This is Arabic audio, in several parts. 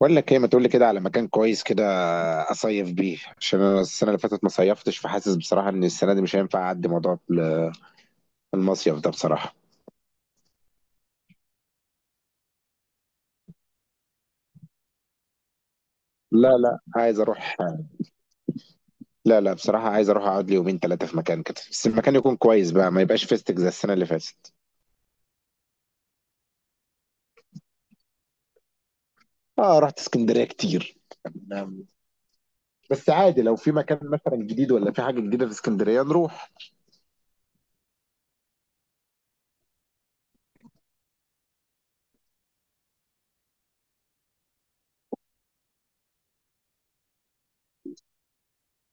بقول لك ايه، ما تقول لي كده على مكان كويس كده اصيف بيه عشان انا السنه اللي فاتت ما صيفتش، فحاسس بصراحه ان السنه دي مش هينفع اعدي موضوع المصيف ده بصراحه. لا لا، عايز اروح. لا لا، بصراحه عايز اروح اقعد لي يومين ثلاثه في مكان كده، بس المكان يكون كويس بقى ما يبقاش فيستك زي السنه اللي فاتت. اه، رحت اسكندريه كتير. نعم. بس عادي لو في مكان مثلا جديد ولا في حاجه جديده في اسكندريه نروح.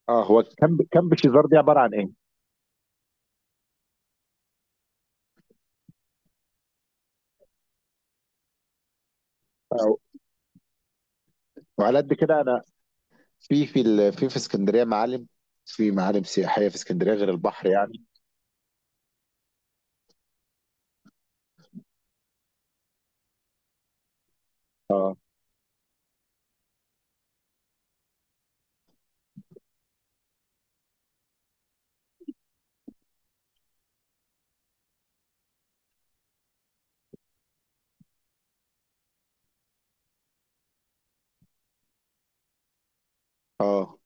اه، هو كامب شيزار دي عباره عن ايه؟ آه، وعلى قد كده انا في اسكندريه معالم. في معالم سياحيه في اسكندريه غير البحر يعني؟ اه.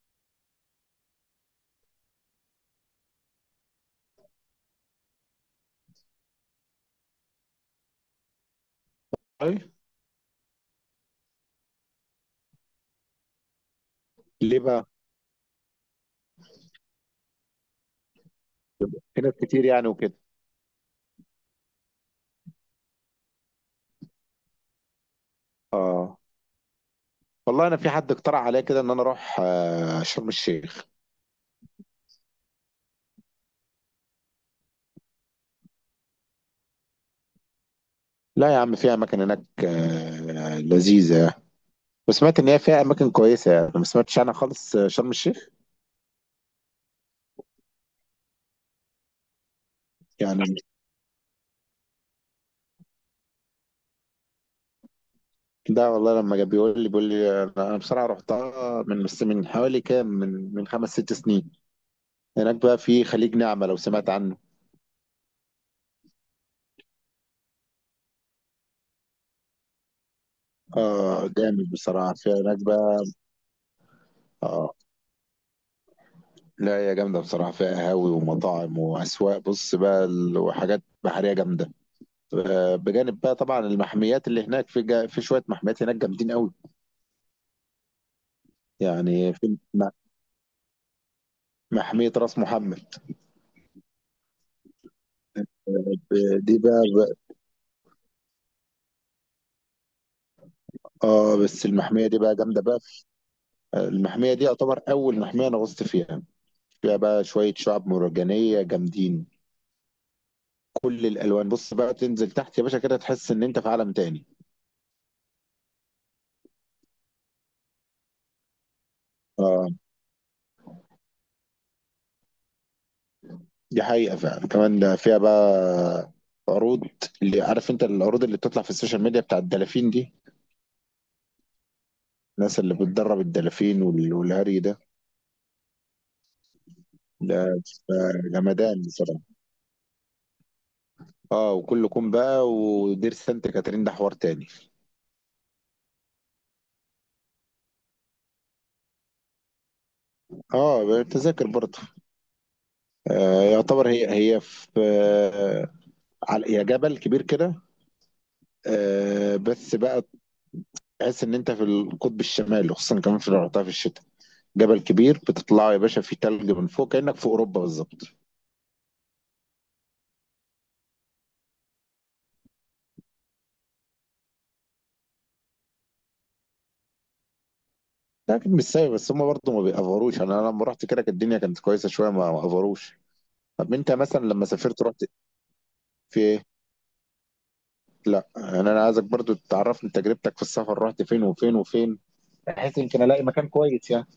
اي. ليه بقى؟ في ناس كتير يعني وكده. اه. والله انا في حد اقترح عليا كده ان انا اروح شرم الشيخ. لا يا عم، في اماكن هناك لذيذه يعني. وسمعت ان هي فيها اماكن كويسه يعني ما سمعتش عنها خالص شرم الشيخ. يعني. ده والله، لما جاب بيقول لي، انا بصراحه رحتها من حوالي كام، من خمس ست سنين. هناك بقى في خليج نعمه لو سمعت عنه. اه، جامد بصراحه في هناك بقى. اه، لا هي جامدة بصراحة، فيها قهاوي ومطاعم وأسواق بص بقى وحاجات بحرية جامدة. بجانب بقى طبعا المحميات اللي هناك في في شوية محميات هناك جامدين قوي. يعني في محمية راس محمد. دي بقى اه بس المحمية دي بقى جامدة بقى. المحمية دي يعتبر أول محمية أنا غصت فيها. فيها بقى شوية شعاب مرجانية جامدين. كل الألوان بص بقى تنزل تحت يا باشا كده، تحس إن أنت في عالم تاني. آه. دي حقيقة فعلا، كمان ده فيها بقى عروض. اللي عارف انت العروض اللي بتطلع في السوشيال ميديا بتاع الدلافين دي. الناس اللي بتدرب الدلافين والهري ده. ده بيبقى جمدان بصراحة. اه، وكل كوم بقى، ودير سانت كاترين ده حوار تاني. اه، تذاكر برضه. آه، يعتبر هي هي في على هي جبل كبير كده. آه، بس بقى تحس ان انت في القطب الشمالي، خصوصا كمان في لو رحتها في الشتاء. جبل كبير بتطلعه يا باشا، فيه تلج من فوق كأنك في اوروبا بالظبط. ده اكيد مش سايب، بس هم برضه ما بيأفروش. انا لما رحت كده كانت الدنيا كانت كويسه شويه، ما افروش. طب انت مثلا لما سافرت، رحت في ايه؟ لا يعني انا عايزك برضه تعرفني تجربتك في السفر، رحت فين وفين وفين، بحيث يمكن الاقي مكان كويس يعني.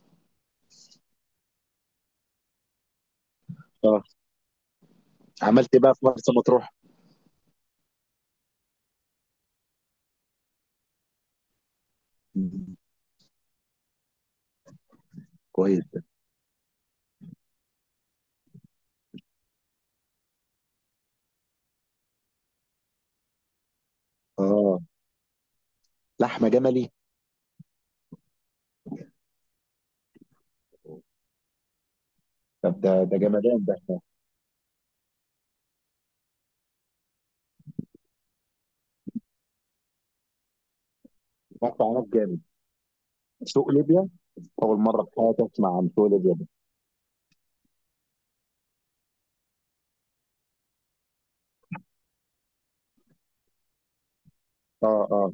اه، عملت ايه بقى في مرسى مطروح؟ مم. كويس. اه، لحمه جملي. طب ده جمدان ده. رحت هناك جامد. سوق ليبيا. اول مره في حياتي اسمع عن سوق ليبيا ده. اه، اه.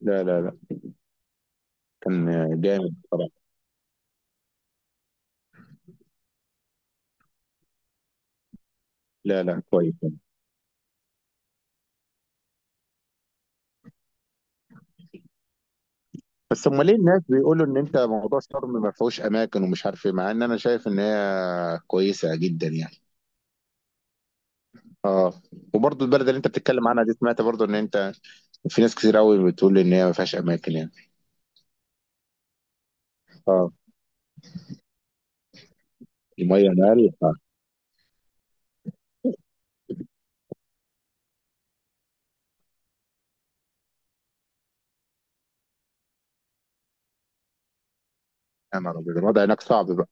لا، لا، لا. كان جامد طبعا. لا لا، كويس. بس امال ليه الناس بيقولوا ان انت موضوع شرم ما فيهوش اماكن ومش عارف ايه، مع ان انا شايف ان هي كويسه جدا يعني. اه، وبرضه البلد اللي انت بتتكلم عنها دي، سمعت برضه ان انت في ناس كتير قوي بتقول ان هي ما فيهاش اماكن يعني. اه، الميه مالحه. يا نهار ابيض، الوضع هناك صعب بقى.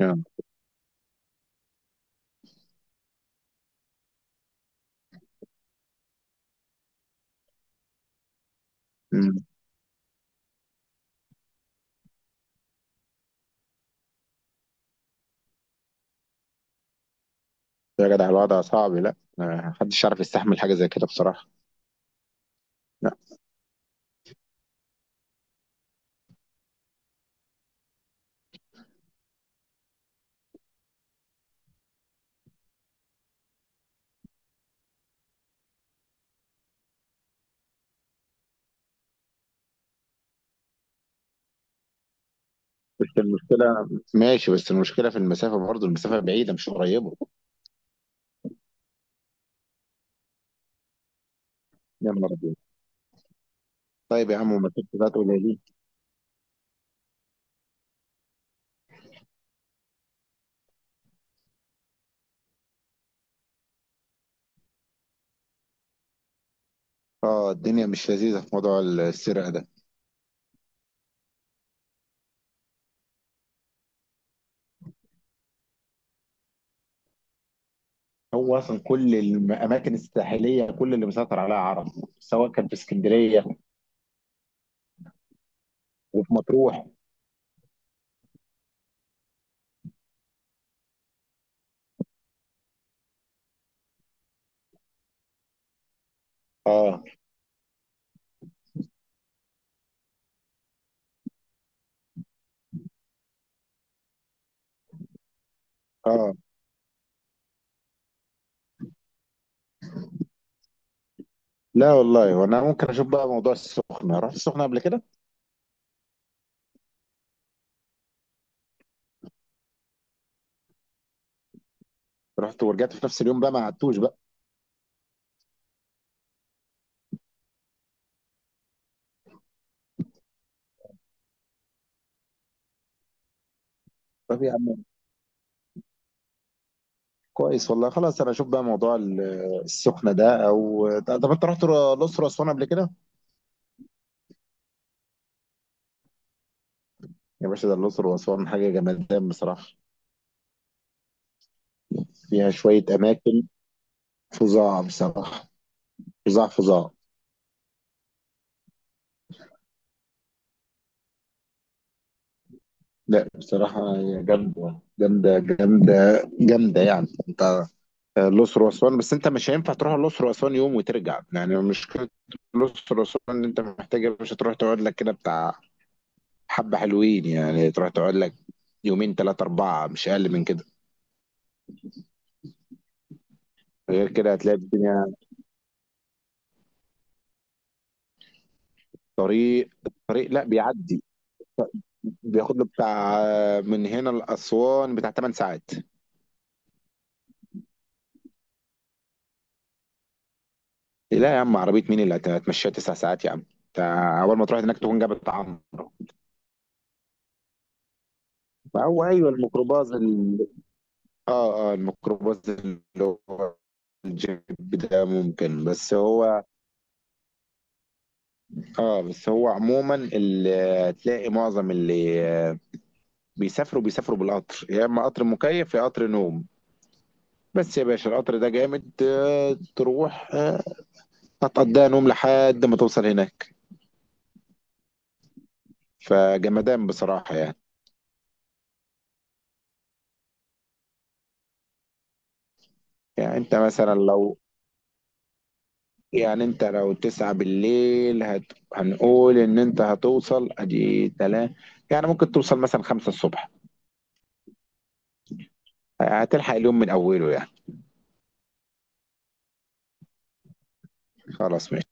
يا مم. يا جدع، الوضع صعب، لا ما حدش يعرف يستحمل حاجه زي كده بصراحه. لا، بس المشكله ماشي، بس المشكله في المسافه برضه، المسافه بعيده مش قريبه. يا نهار ابيض. طيب يا عم، المسافه بتاعته قليله. اه، الدنيا مش لذيذة في موضوع السرقة ده. هو اصلا كل الاماكن الساحليه كل اللي مسيطر عليها عرب، سواء كان في اسكندريه وفي مطروح. اه، اه. لا والله، وانا ممكن اشوف بقى موضوع السخنة، رحت السخنة قبل كده. رحت ورجعت في نفس اليوم بقى، ما قعدتوش بقى. طب يا عم كويس، والله خلاص انا اشوف بقى موضوع السخنة ده، او طب انت رحت الاقصر واسوان قبل كده؟ يا باشا، ده الاقصر واسوان حاجة جمدان بصراحة. فيها شوية اماكن فظاع بصراحة، فظاع فظاع. لا بصراحة، هي جامدة جامدة جامدة جامدة يعني. انت الأقصر وأسوان، بس انت مش هينفع تروح الأقصر وأسوان يوم وترجع، يعني مشكلة الأقصر وأسوان ان انت محتاج مش هتروح تقعد لك كده بتاع حبة حلوين، يعني تروح تقعد لك يومين ثلاثة أربعة، مش أقل من كده. غير كده هتلاقي الدنيا. الطريق لا بيعدي، بياخد له بتاع من هنا لأسوان بتاع 8 ساعات. لا يا عم، عربية مين اللي هتمشيها 9 ساعات يا عم انت! أول ما تروح هناك تكون جابت طعام. هو ايوه، الميكروباص اه، اه، الميكروباص اللي هو الجيب ده ممكن. بس هو، اه، بس هو عموما اللي تلاقي، معظم اللي بيسافروا بالقطر، يا اما قطر مكيف يا قطر نوم. بس يا باشا القطر ده جامد، تروح هتقضيها نوم لحد ما توصل هناك. فجمدان بصراحة يعني. يعني انت مثلا لو يعني انت لو 9 بالليل هنقول ان انت هتوصل ادي 3، يعني ممكن توصل مثلا 5 الصبح. هتلحق اليوم من اوله يعني. خلاص ماشي.